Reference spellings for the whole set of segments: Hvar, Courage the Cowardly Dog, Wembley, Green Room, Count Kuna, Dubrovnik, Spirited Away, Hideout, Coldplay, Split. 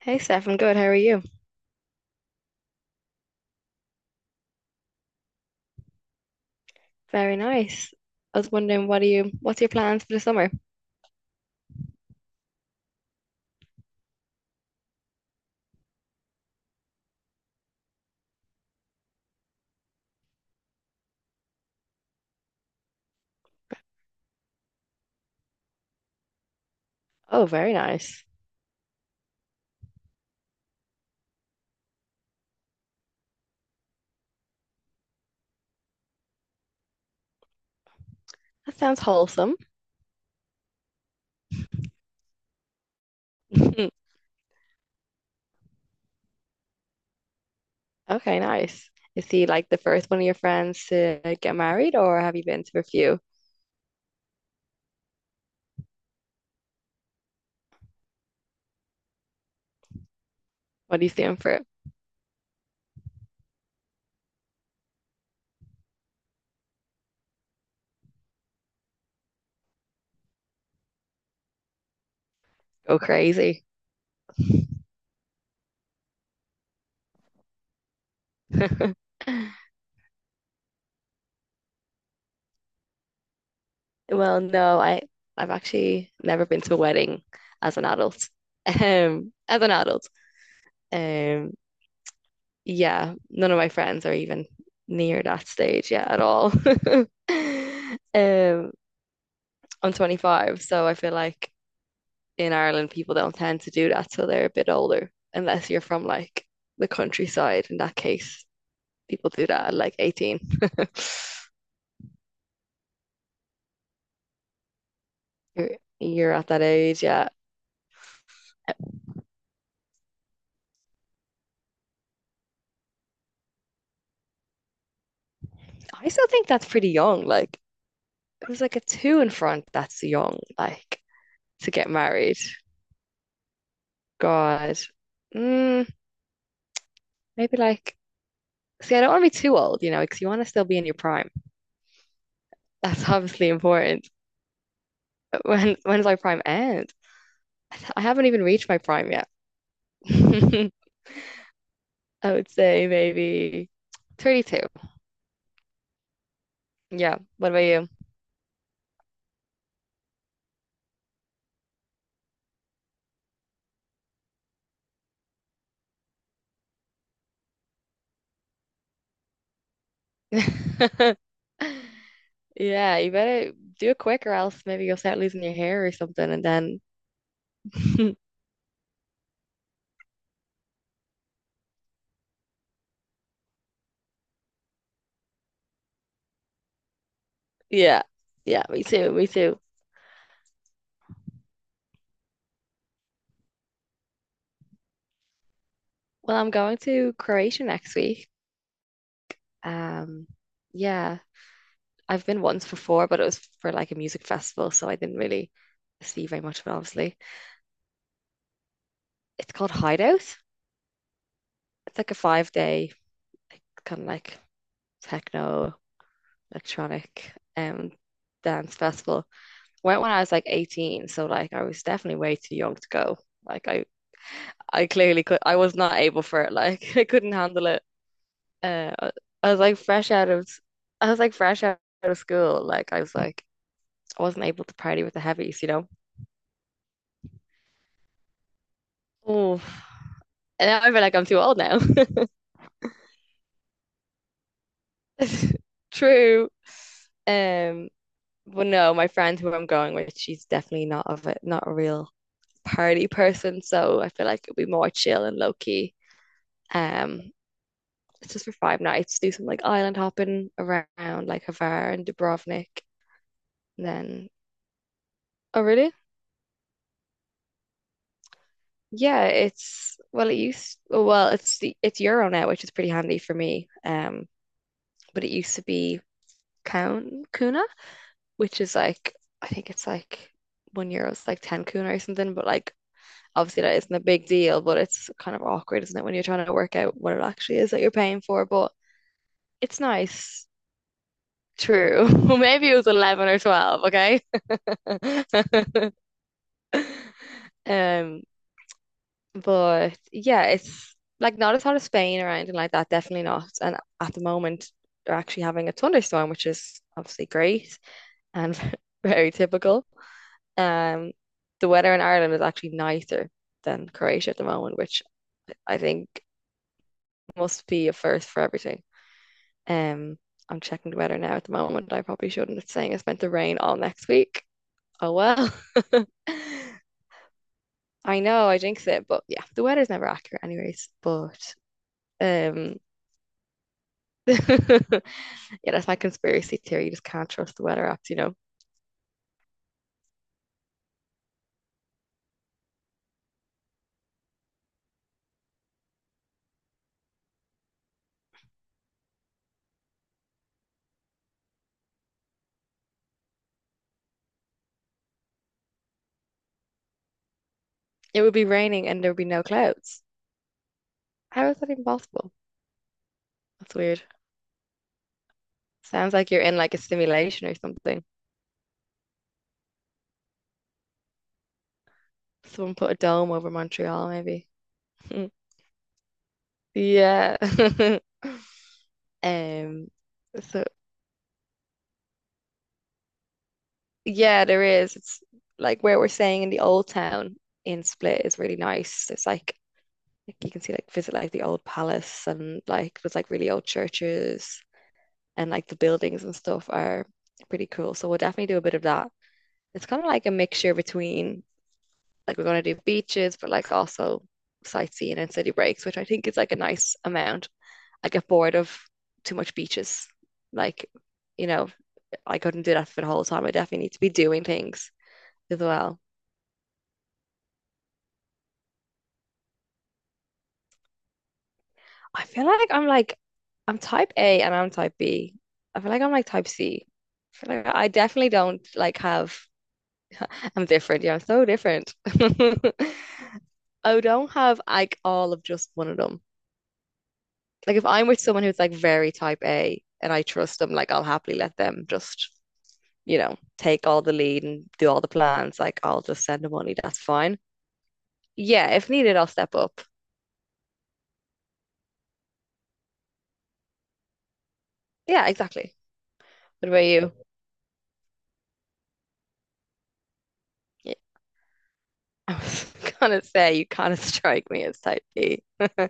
Hey Steph, I'm good. How are you? Very nice. I was wondering, what's your plans for the summer? Oh, very nice. That sounds wholesome. Okay, nice. Is he like the first one of your friends to get married, or have you been to a few? What are you doing for it? Go crazy. Well, no, I've actually never been to a wedding as an adult. As an adult. Um, yeah, none of my friends are even near that stage yet at all. Um, I'm 25, so I feel like in Ireland people don't tend to do that till they're a bit older, unless you're from like the countryside. In that case, people do that at like 18. You're, you're at that age, yeah. I still think that's pretty young. Like it was like a two in front. That's young, like to get married. God, mm, maybe like. See, I don't want to be too old, you know, because you want to still be in your prime. That's obviously important. But when does my prime end? I haven't even reached my prime yet. I would say maybe 32. Yeah. What about you? Yeah, you better do it quick or else maybe you'll start losing your hair or something and then yeah. Yeah, me too, me too. Well, I'm going to Croatia next week. Um yeah, I've been once before, but it was for like a music festival, so I didn't really see very much of it, obviously. It's called Hideout. It's like a 5 day like, kind of like techno electronic dance festival. Went when I was like 18, so like I was definitely way too young to go. Like I clearly could I was not able for it. Like I couldn't handle it. Uh I I was like fresh out of I was like fresh out of school. Like I wasn't able to party with the heavies. Oh, and I feel like I'm too old now. True. Um, but no, my friend who I'm going with, she's definitely not of it, not a real party person, so I feel like it'd be more chill and low key. Um, it's just for 5 nights, do some like island hopping around like Hvar and Dubrovnik, and then oh really? Yeah, it's well, it used oh, well, it's the it's Euro now, which is pretty handy for me. But it used to be Count Kuna, which is like I think it's like €1 is like 10 kuna or something, but like obviously that isn't a big deal, but it's kind of awkward, isn't it, when you're trying to work out what it actually is that you're paying for. But it's nice. True. Maybe it was 11 or 12, okay? Um, but yeah, it's like not as hot as Spain or anything like that, definitely not. And at the moment, they're actually having a thunderstorm, which is obviously great and very typical. Um, the weather in Ireland is actually nicer than Croatia at the moment, which I think must be a first for everything. Um, I'm checking the weather now at the moment. I probably shouldn't. It's saying it's meant to rain all next week. Oh well. I know, I jinxed it, but yeah, the weather's never accurate anyways. But um yeah, that's my conspiracy theory. You just can't trust the weather apps. It would be raining and there would be no clouds. How is that even possible? That's weird. Sounds like you're in like a simulation or something. Someone put a dome over Montreal, maybe. Yeah. Um, so yeah, there is. It's like where we're staying in the old town in Split is really nice. There's like you can see like visit like the old palace and like there's like really old churches and like the buildings and stuff are pretty cool. So we'll definitely do a bit of that. It's kind of like a mixture between like we're going to do beaches, but like also sightseeing and city breaks, which I think is like a nice amount. I get bored of too much beaches. Like, you know, I couldn't do that for the whole time. I definitely need to be doing things as well. I feel like I'm type A and I'm type B. I feel like I'm like type C. I feel like I definitely don't like have I'm different. Yeah, I'm so different. I don't have like all of just one of them. Like if I'm with someone who's like very type A and I trust them, like I'll happily let them just, take all the lead and do all the plans. Like I'll just send the money. That's fine. Yeah, if needed, I'll step up. Yeah, exactly. What about you? I was gonna say you kind of strike me as type B.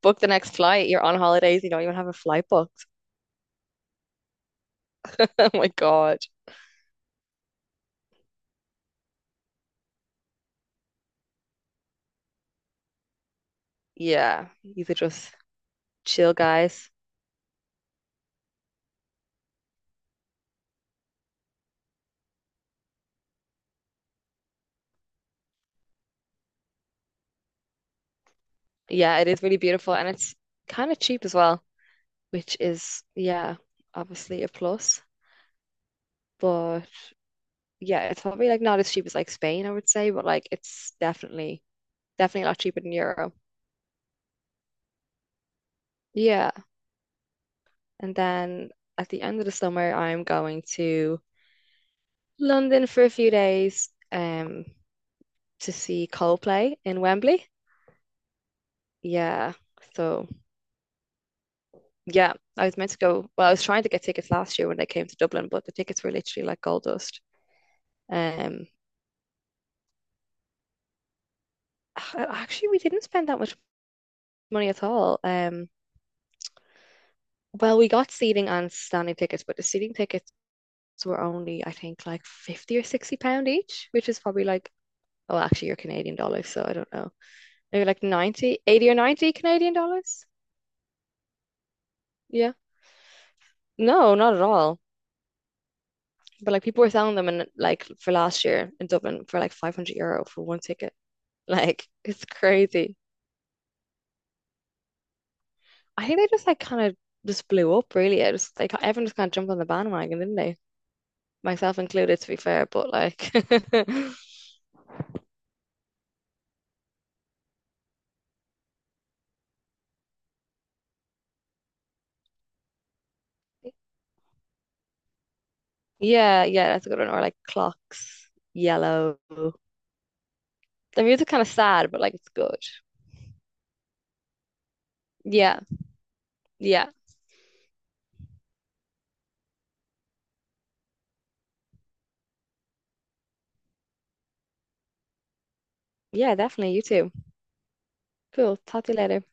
Book the next flight. You're on holidays. You don't even have a flight booked. Oh my God. Yeah. These are just chill guys. Yeah, it is really beautiful and it's kind of cheap as well, which is, yeah, obviously a plus. But yeah, it's probably like not as cheap as like Spain, I would say, but like it's definitely, definitely a lot cheaper than Euro. Yeah. And then at the end of the summer, I'm going to London for a few days to see Coldplay in Wembley. Yeah. So yeah, I was meant to go. Well, I was trying to get tickets last year when they came to Dublin, but the tickets were literally like gold dust. Um Actually we didn't spend that much money at all. Well we got seating and standing tickets, but the seating tickets were only I think like 50 or £60 each, which is probably like oh actually you're Canadian dollars, so I don't know. Maybe like 90, 80, or 90 Canadian dollars. Yeah. No, not at all. But like people were selling them in like for last year in Dublin for like €500 for one ticket. Like it's crazy. I think they just like kind of just blew up really. It was like everyone just kind of jumped on the bandwagon, didn't they? Myself included, to be fair, but like yeah, yeah, that's a good one. Or like clocks, yellow. The music kind of sad, but like it's good. Yeah, yeah, yeah, definitely. You too. Cool. Talk to you later.